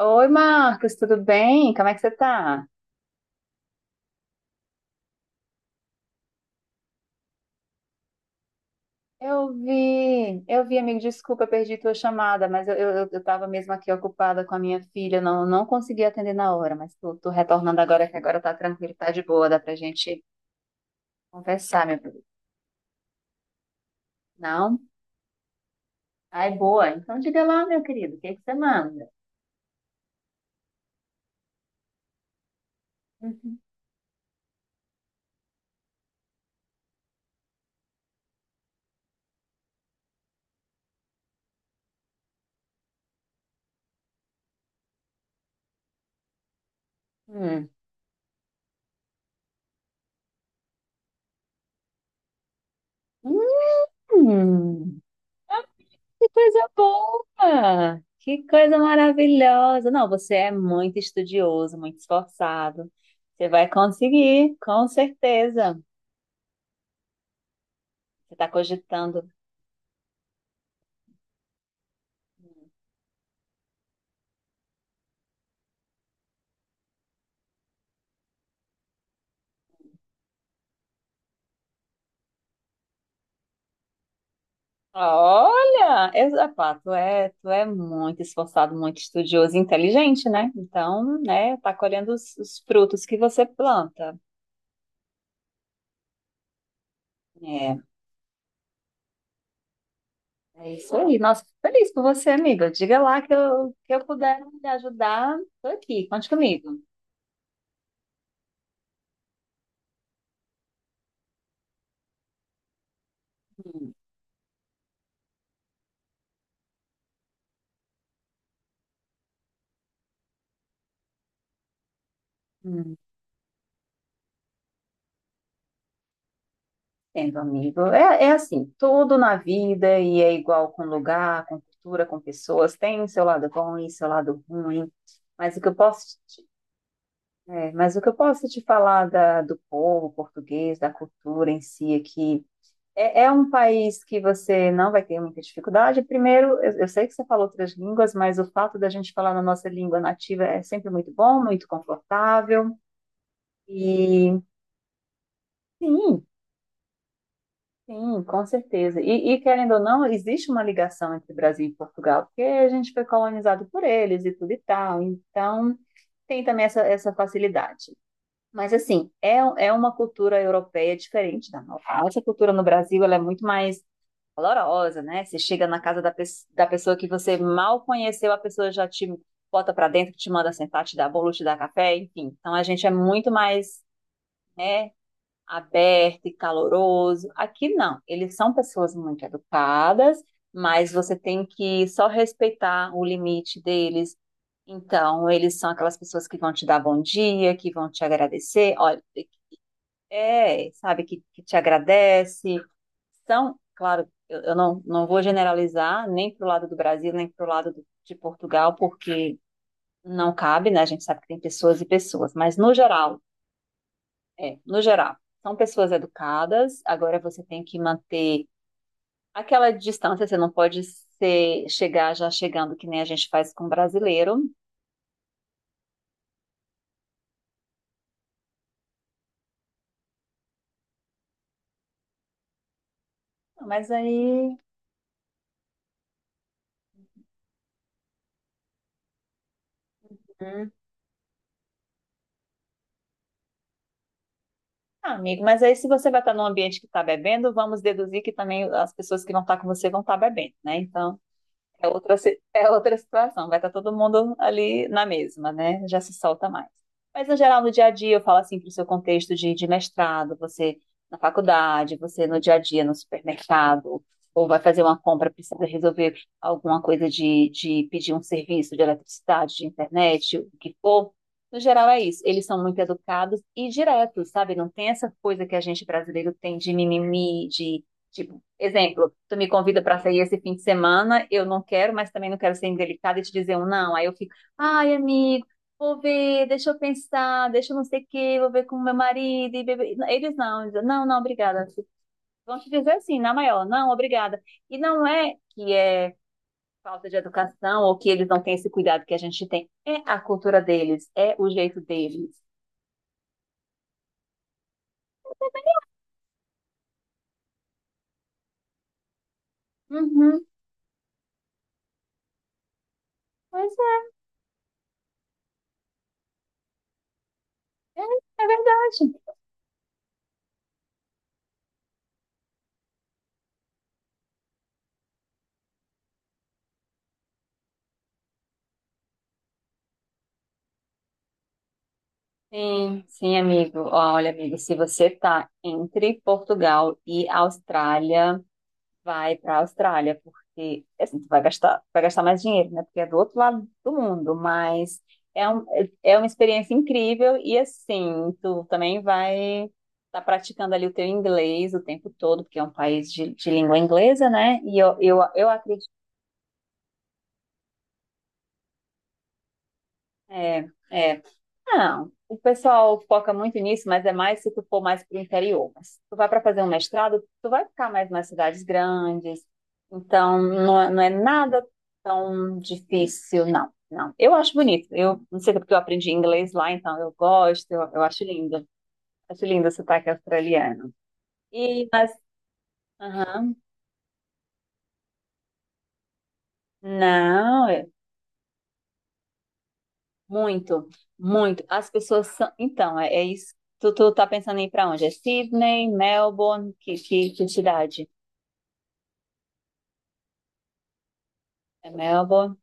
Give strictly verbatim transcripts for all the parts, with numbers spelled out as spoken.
Oi, Marcos, tudo bem? Como é que você tá? Eu vi, eu vi, amigo, desculpa, perdi tua chamada, mas eu, eu, eu tava mesmo aqui ocupada com a minha filha, não, não consegui atender na hora, mas tô, tô retornando agora, que agora tá tranquilo, tá de boa, dá pra gente conversar, meu querido. Não? Ai, boa. Então diga lá, meu querido, o que é que você manda? Uhum. Hum. Hum. Que coisa boa! Que coisa maravilhosa! Não, você é muito estudioso, muito esforçado. Você vai conseguir, com certeza. Você está cogitando. Ah, olha, eu, epá, tu é, tu é muito esforçado, muito estudioso e inteligente, né? Então, né, tá colhendo os, os frutos que você planta. É, é isso aí. Nossa, fico feliz por você, amiga. Diga lá que eu, que eu puder lhe ajudar, tô aqui. Conte comigo. Hum. Hum. Entendo, amigo. É, é assim, tudo na vida e é igual com lugar, com cultura, com pessoas, tem o seu lado bom e seu lado ruim. Mas o que eu posso te, é, mas o que eu posso te falar da- do povo português, da cultura em si aqui, é, é um país que você não vai ter muita dificuldade. Primeiro, eu, eu sei que você falou outras línguas, mas o fato da gente falar na nossa língua nativa é sempre muito bom, muito confortável. E sim, sim, com certeza. E, e, querendo ou não, existe uma ligação entre Brasil e Portugal, porque a gente foi colonizado por eles e tudo e tal. Então, tem também essa, essa facilidade. Mas, assim, é, um- é uma cultura europeia diferente da nossa. A nossa cultura no Brasil, ela é muito mais valorosa, né? Você chega na casa da, pe da pessoa que você mal conheceu, a pessoa já te bota para dentro, te manda sentar, te dá bolo, te dá café, enfim. Então, a gente é muito mais, né, aberto e caloroso. Aqui não, eles são pessoas muito educadas, mas você tem que só respeitar o limite deles. Então, eles são aquelas pessoas que vão te dar bom dia, que vão te agradecer, olha, é, sabe, que, que te agradece. São, claro, eu, eu não, não vou generalizar nem para o lado do Brasil, nem para o lado do- de Portugal, porque não cabe, né? A gente sabe que tem pessoas e pessoas, mas no geral, é, no geral, são pessoas educadas, agora você tem que manter aquela distância, você não pode ser, chegar já chegando que nem a gente faz com brasileiro. Mas aí, hum, ah, amigo, mas aí se você vai estar num ambiente que está bebendo, vamos deduzir que também as pessoas que vão estar com você vão estar bebendo, né? Então, é outra, si- é outra situação, vai estar todo mundo ali na mesma, né? Já se solta mais. Mas, no geral, no dia a dia, eu falo assim para o seu contexto de, de mestrado, você na faculdade, você no dia a dia, no supermercado, ou vai fazer uma compra, precisa resolver alguma coisa de, de pedir um serviço de eletricidade, de internet, o que for. No geral, é isso. Eles são muito educados e diretos, sabe? Não tem essa coisa que a gente brasileiro tem de mimimi, de de exemplo, tu me convida para sair esse fim de semana, eu não quero, mas também não quero ser indelicada e te dizer um não. Aí eu fico, ai, amigo, vou ver, deixa eu pensar, deixa eu não sei o quê, vou ver com meu marido e bebê. Eles não, dizem, não, não, obrigada. Vão te dizer assim, na maior, não, obrigada. E não é que é falta de educação ou que eles não têm esse cuidado que a gente tem. É a cultura deles, é o jeito deles. Uhum, pois é, é, é verdade. Sim, sim, amigo. Ó, olha, amigo, se você está entre Portugal e Austrália, vai para a Austrália, porque assim, tu vai gastar, vai gastar mais dinheiro, né? Porque é do outro lado do mundo, mas é, um, é uma experiência incrível e assim, tu também vai estar praticando ali o teu inglês o tempo todo, porque é um país de, de língua inglesa, né? E eu, eu, eu acredito. É, é. Não, o pessoal foca muito nisso, mas é mais se tu for mais para o interior. Mas se tu vai para fazer um mestrado, tu vai ficar mais nas cidades grandes. Então, não, é- não é nada tão difícil, não. Não, eu acho bonito. Eu não sei se é porque eu aprendi inglês lá, então eu gosto, eu, eu acho lindo. Acho lindo o sotaque australiano. E, mas, aham. Não, é muito, muito. As pessoas são. Então, é, é isso. Tu, tu tá pensando em ir para onde? É Sydney, Melbourne, que, que, que cidade? É Melbourne.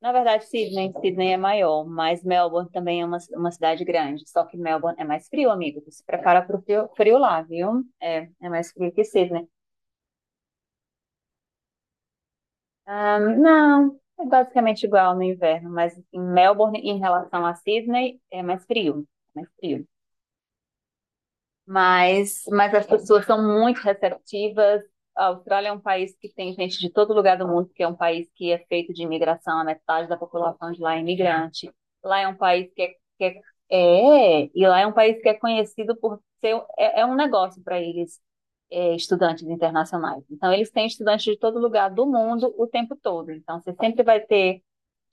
Na verdade, Sydney, Sydney é maior, mas Melbourne também é uma, uma cidade grande. Só que Melbourne é mais frio, amigo. Tu se prepara pro frio, frio lá, viu? É, é mais frio que Sydney. Ah, não, é basicamente igual no inverno, mas em Melbourne, em relação a Sydney, é mais frio. Mais frio. Mas, mas as pessoas são muito receptivas. A Austrália é um país que tem gente de todo lugar do mundo, que é um país que é feito de imigração, a metade da população de lá é imigrante. Lá é um país que é, que é, é, e lá é um país que é conhecido por ser, é, é um negócio para eles, é, estudantes internacionais. Então, eles têm estudantes de todo lugar do mundo o tempo todo. Então, você sempre vai ter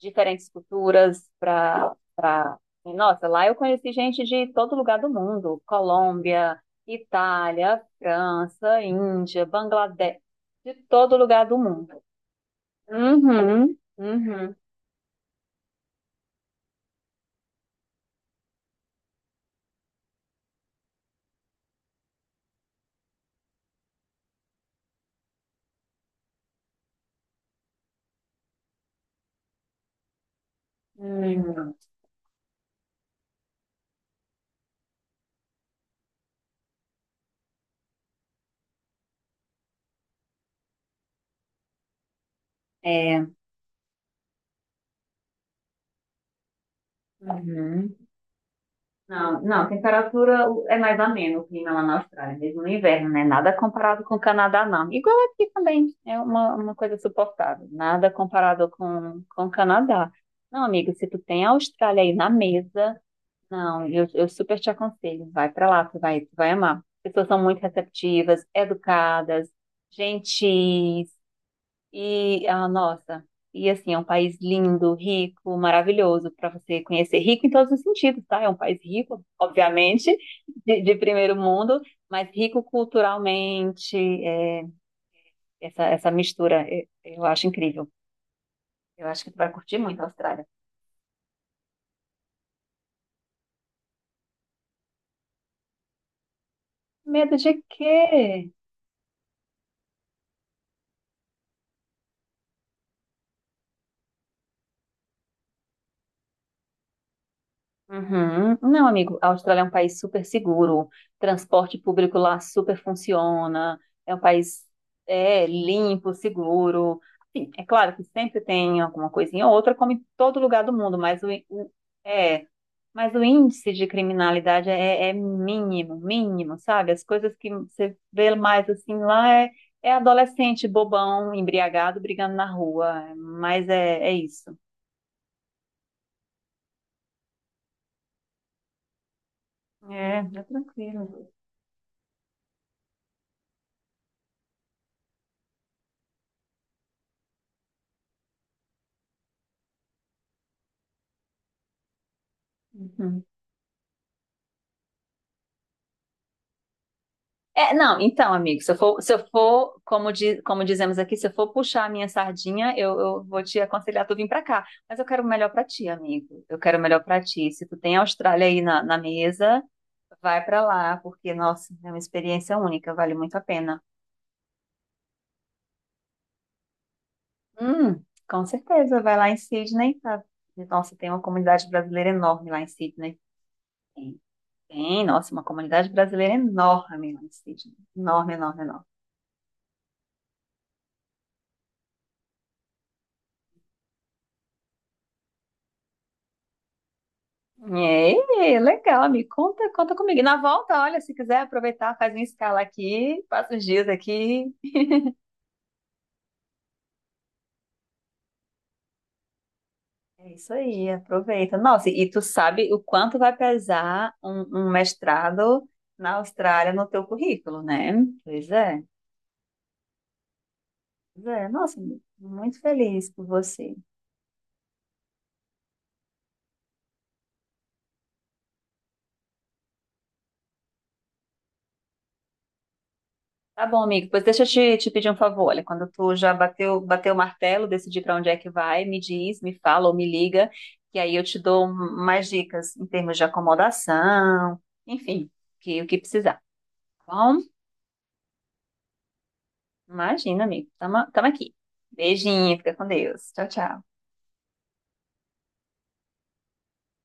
diferentes culturas para para nossa, lá eu conheci gente de todo lugar do mundo, Colômbia, Itália, França, Índia, Bangladesh, de todo lugar do mundo. Uhum, uhum, uhum. É, uhum. Não, não, temperatura é mais ameno o clima lá na Austrália, mesmo no inverno, né? Nada comparado com o Canadá, não. Igual aqui também, é uma, uma coisa suportável. Nada comparado com, com o Canadá. Não, amigo, se tu tem a Austrália aí na mesa, não, eu, eu super te aconselho, vai pra lá, tu vai, tu vai amar. As pessoas são muito receptivas, educadas, gentis, e, ah, nossa, e assim, é um país lindo, rico, maravilhoso para você conhecer. Rico em todos os sentidos, tá? É um país rico, obviamente, de, de primeiro mundo, mas rico culturalmente. É, essa, essa mistura, é, eu acho incrível. Eu acho que tu vai curtir muito a Austrália. Medo de quê? Uhum. Não, amigo, a Austrália é um país super seguro, transporte público lá super funciona, é um país é, limpo, seguro. Assim, é claro que sempre tem alguma coisinha ou outra, como em todo lugar do mundo, mas o, í- o- é, mas o índice de criminalidade é, é mínimo, mínimo, sabe? As coisas que você vê mais assim lá é, é adolescente bobão, embriagado, brigando na rua, mas é, é isso. É, é tranquilo. Uhum. É, não, então, amigo, se eu for, se eu for como, di- como dizemos aqui, se eu for puxar a minha sardinha, eu, eu vou te aconselhar tu vir pra cá. Mas eu quero o melhor pra ti, amigo. Eu quero o melhor pra ti. Se tu tem a Austrália aí na, na mesa, vai pra lá, porque, nossa, é uma experiência única, vale muito a pena. Hum, com certeza, vai lá em Sydney, tá? Nossa, tem uma comunidade brasileira enorme lá em Sydney. Tem, tem, nossa, uma comunidade brasileira enorme lá em Sydney. Enorme, enorme, enorme. É, legal, me conta, conta comigo. E na volta, olha, se quiser aproveitar, faz uma escala aqui, passa uns dias aqui. É isso aí, aproveita. Nossa, e tu sabe o quanto vai pesar um, um mestrado na Austrália no teu currículo, né? Pois é, pois é. Nossa, muito feliz por você. Tá bom, amigo. Pois deixa eu te, te pedir um favor. Olha, quando tu já bateu, bateu o martelo, decidir para onde é que vai, me diz, me fala ou me liga, que aí eu te dou um- mais dicas em termos de acomodação, enfim, que, o que precisar. Tá bom? Imagina, amigo. Tamo, tamo aqui. Beijinho, fica com Deus. Tchau, tchau.